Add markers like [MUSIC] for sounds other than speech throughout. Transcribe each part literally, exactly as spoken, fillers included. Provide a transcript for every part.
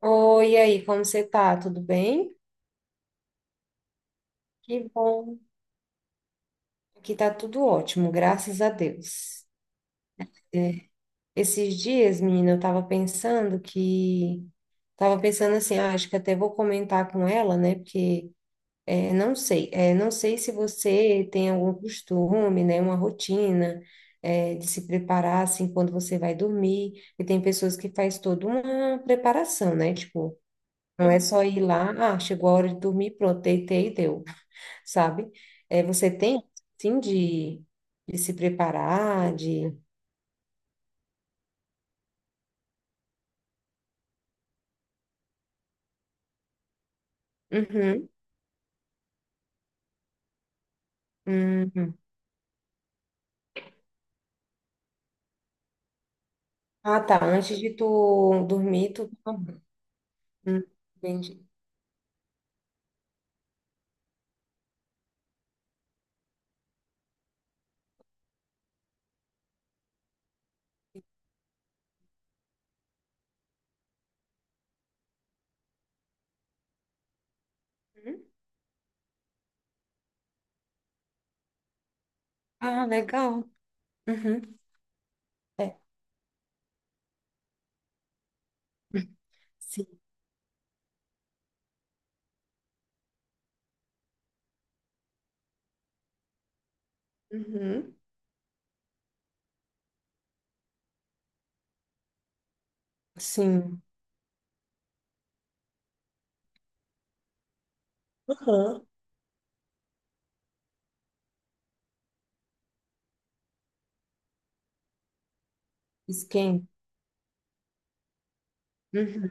Oi, e aí, como você tá? Tudo bem? Que bom. Aqui tá tudo ótimo, graças a Deus. É, Esses dias, menina, eu tava pensando que... Tava pensando assim, ah, acho que até vou comentar com ela, né? Porque, é, não sei, é, não sei se você tem algum costume, né? Uma rotina, é, de se preparar, assim, quando você vai dormir. E tem pessoas que faz toda uma preparação, né? Tipo, não é só ir lá, ah, chegou a hora de dormir, pronto, deitei e deu. Sabe? É, você tem, sim, de, de se preparar, de... Uhum, uhum. Ah, tá, antes de tu dormir, tu... Hum, entendi. Uhum. Ah, legal. Uhum. É. Sim. Uhum. Sim. Aham. Esquenta. Uhum.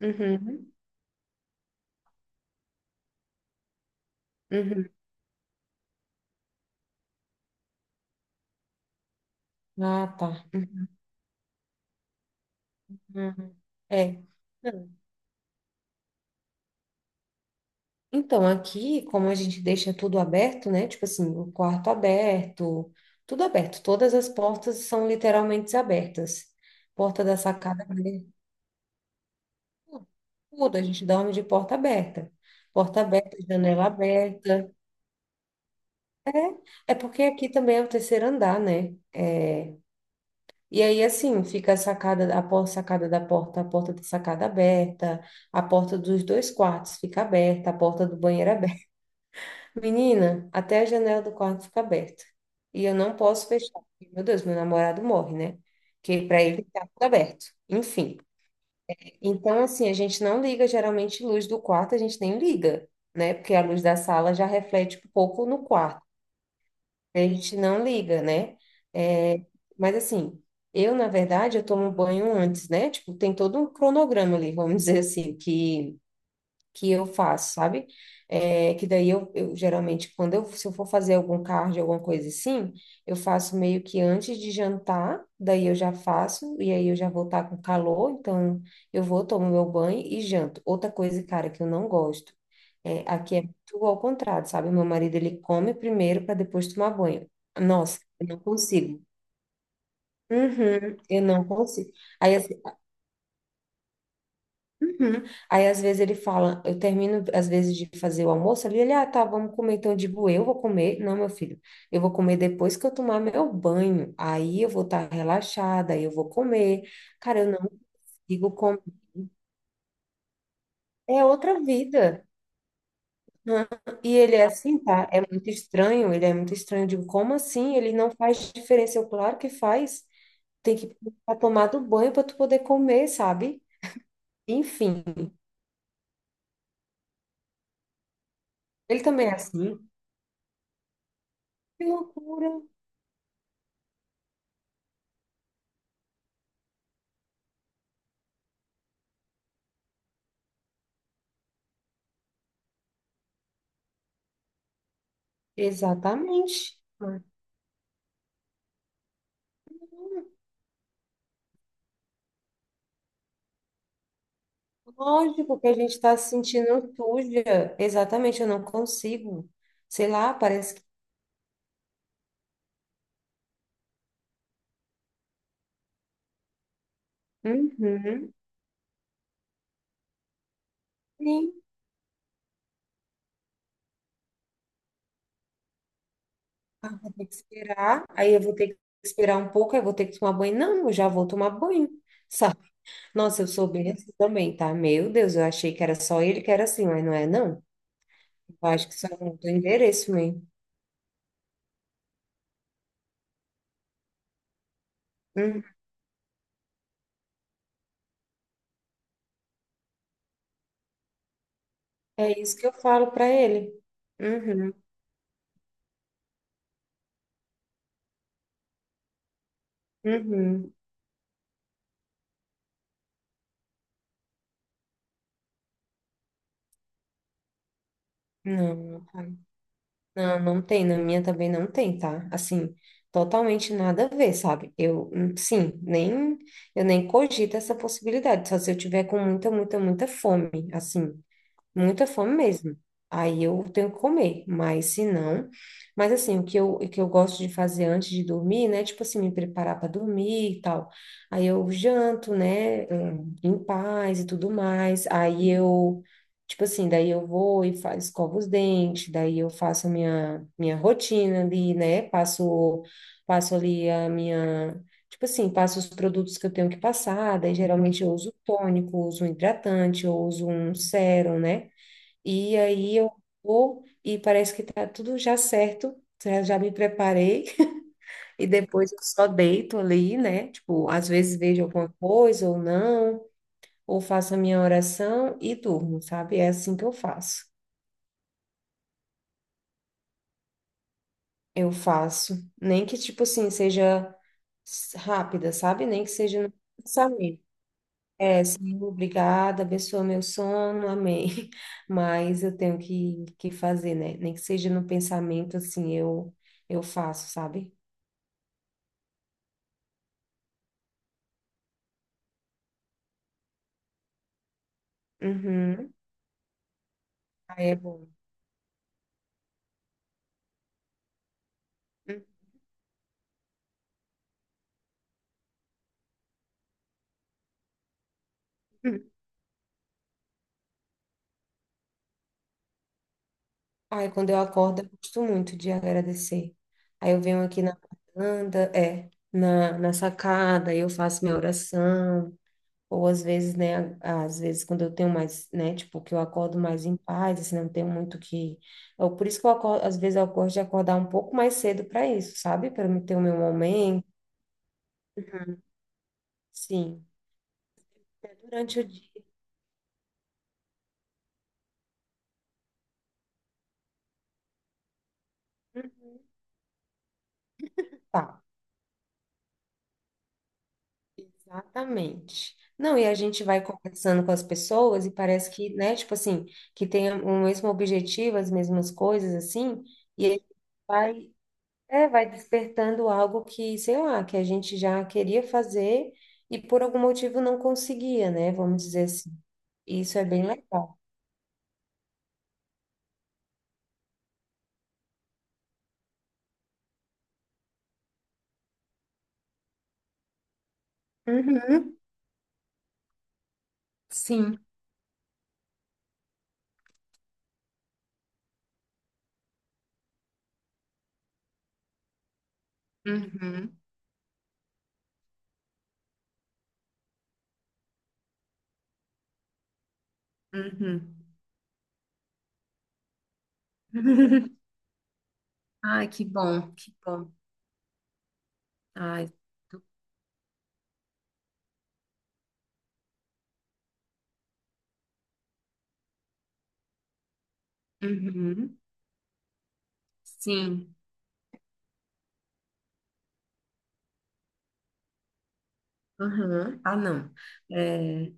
Uhum. Uhum. Ah, tá. Uhum. É. Então, aqui, como a gente deixa tudo aberto, né? Tipo assim, o quarto aberto, tudo aberto. Todas as portas são literalmente abertas. Porta da sacada, aberta, tudo. A gente dorme de porta aberta. Porta aberta, janela aberta. É, é porque aqui também é o terceiro andar, né? É, e aí, assim, fica a sacada, a porta, sacada da porta, a porta da sacada aberta, a porta dos dois quartos fica aberta, a porta do banheiro aberta. Menina, até a janela do quarto fica aberta. E eu não posso fechar, porque, Meu Deus, meu namorado morre, né? Que para ele tá tudo aberto. Enfim. Então, assim, a gente não liga geralmente luz do quarto, a gente nem liga, né? Porque a luz da sala já reflete um pouco no quarto. A gente não liga, né? É, mas assim, eu, na verdade, eu tomo banho antes, né? Tipo, tem todo um cronograma ali, vamos [LAUGHS] dizer assim, que que eu faço, sabe? É, que daí eu, eu geralmente, quando eu, se eu for fazer algum cardio, alguma coisa assim, eu faço meio que antes de jantar, daí eu já faço, e aí eu já vou estar com calor, então eu vou, tomo meu banho e janto. Outra coisa, cara, que eu não gosto, é, aqui é tudo ao contrário, sabe? Meu marido, ele come primeiro para depois tomar banho. Nossa, eu não consigo. Uhum, eu não consigo. Aí, uhum. Aí às vezes ele fala, eu termino às vezes de fazer o almoço ali, ele, ah, tá, vamos comer. Então eu digo, eu vou comer. Não, meu filho, eu vou comer depois que eu tomar meu banho. Aí eu vou estar relaxada, aí eu vou comer. Cara, eu não consigo comer. É outra vida. Hã? E ele é assim, tá? É muito estranho, ele é muito estranho. Eu digo, como assim? Ele não faz diferença. Eu, claro que faz. Tem que tomar do banho para tu poder comer, sabe? Enfim, ele também é assim. Que loucura! Exatamente. Lógico que a gente está se sentindo suja. Exatamente, eu não consigo. Sei lá, parece que. Uhum. Sim. Ah, vou ter que esperar. Aí eu vou ter que esperar um pouco, aí eu vou ter que tomar banho. Não, eu já vou tomar banho. [LAUGHS] Sabe? Nossa, eu sou bem assim também, tá? Meu Deus, eu achei que era só ele que era assim, mas não é, não. Eu acho que só mudou o endereço mesmo. Uhum. É isso que eu falo para ele. Uhum. Uhum. Não. Não, não tem, na minha também não tem, tá? Assim, totalmente nada a ver, sabe? Eu, hum, sim, nem, eu nem cogito essa possibilidade, só se eu tiver com muita, muita, muita fome, assim muita fome mesmo. Aí eu tenho que comer, mas se não. Mas assim, o que eu, o que eu gosto de fazer antes de dormir, né? Tipo assim, me preparar para dormir e tal. Aí eu janto, né? hum, Em paz e tudo mais. Aí eu, tipo assim, daí eu vou e faço, escovo os dentes, daí eu faço a minha, minha rotina ali, né? Passo, passo ali a minha. Tipo assim, passo os produtos que eu tenho que passar, daí geralmente eu uso tônico, uso um hidratante, eu uso um sérum, né? E aí eu vou e parece que tá tudo já certo, já já me preparei [LAUGHS] e depois eu só deito ali, né? Tipo, às vezes vejo alguma coisa ou não, ou faço a minha oração e durmo, sabe? É assim que eu faço. Eu faço, nem que tipo assim seja s- rápida, sabe? Nem que seja no pensamento. É, Senhor, obrigada, abençoa meu sono, amém. [LAUGHS] Mas eu tenho que, que fazer, né? Nem que seja no pensamento, assim, eu, eu faço, sabe? Uhum. Aí é bom. Uhum. Aí quando eu acordo, eu gosto muito de agradecer. Aí eu venho aqui na varanda, é, na, na sacada, aí eu faço minha oração. Ou às vezes, né, às vezes quando eu tenho mais, né, tipo, que eu acordo mais em paz, assim, não tenho muito que... Eu, por isso que eu acordo, às vezes eu gosto de acordar um pouco mais cedo para isso, sabe? Para eu ter o meu momento. Sim. É durante o dia. Uhum. Tá. Exatamente. Não, e a gente vai conversando com as pessoas e parece que, né, tipo assim, que tem o mesmo objetivo, as mesmas coisas, assim, e a vai, é, vai despertando algo que, sei lá, que a gente já queria fazer e por algum motivo não conseguia, né, vamos dizer assim. Isso é bem legal. Uhum, sim. Uhum, uhum. [LAUGHS] Ai, que bom, que bom. Ai, uhum, sim. Aham. Ah, não. É,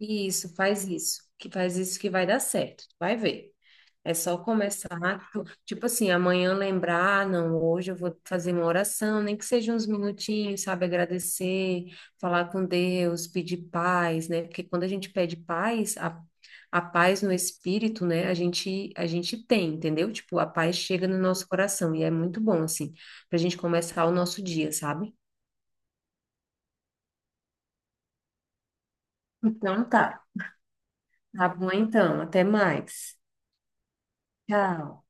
isso, faz isso. Que faz isso que vai dar certo. Tu vai ver. É só começar. tu- Tipo assim, amanhã lembrar, "Ah, não, hoje eu vou fazer uma oração, nem que seja uns minutinhos, sabe? Agradecer, falar com Deus, pedir paz, né?" Porque quando a gente pede paz, a, a paz no espírito, né? A gente, a gente tem, entendeu? Tipo, a paz chega no nosso coração e é muito bom, assim, pra gente começar o nosso dia, sabe? Então tá. Tá bom, então. Até mais. Tchau.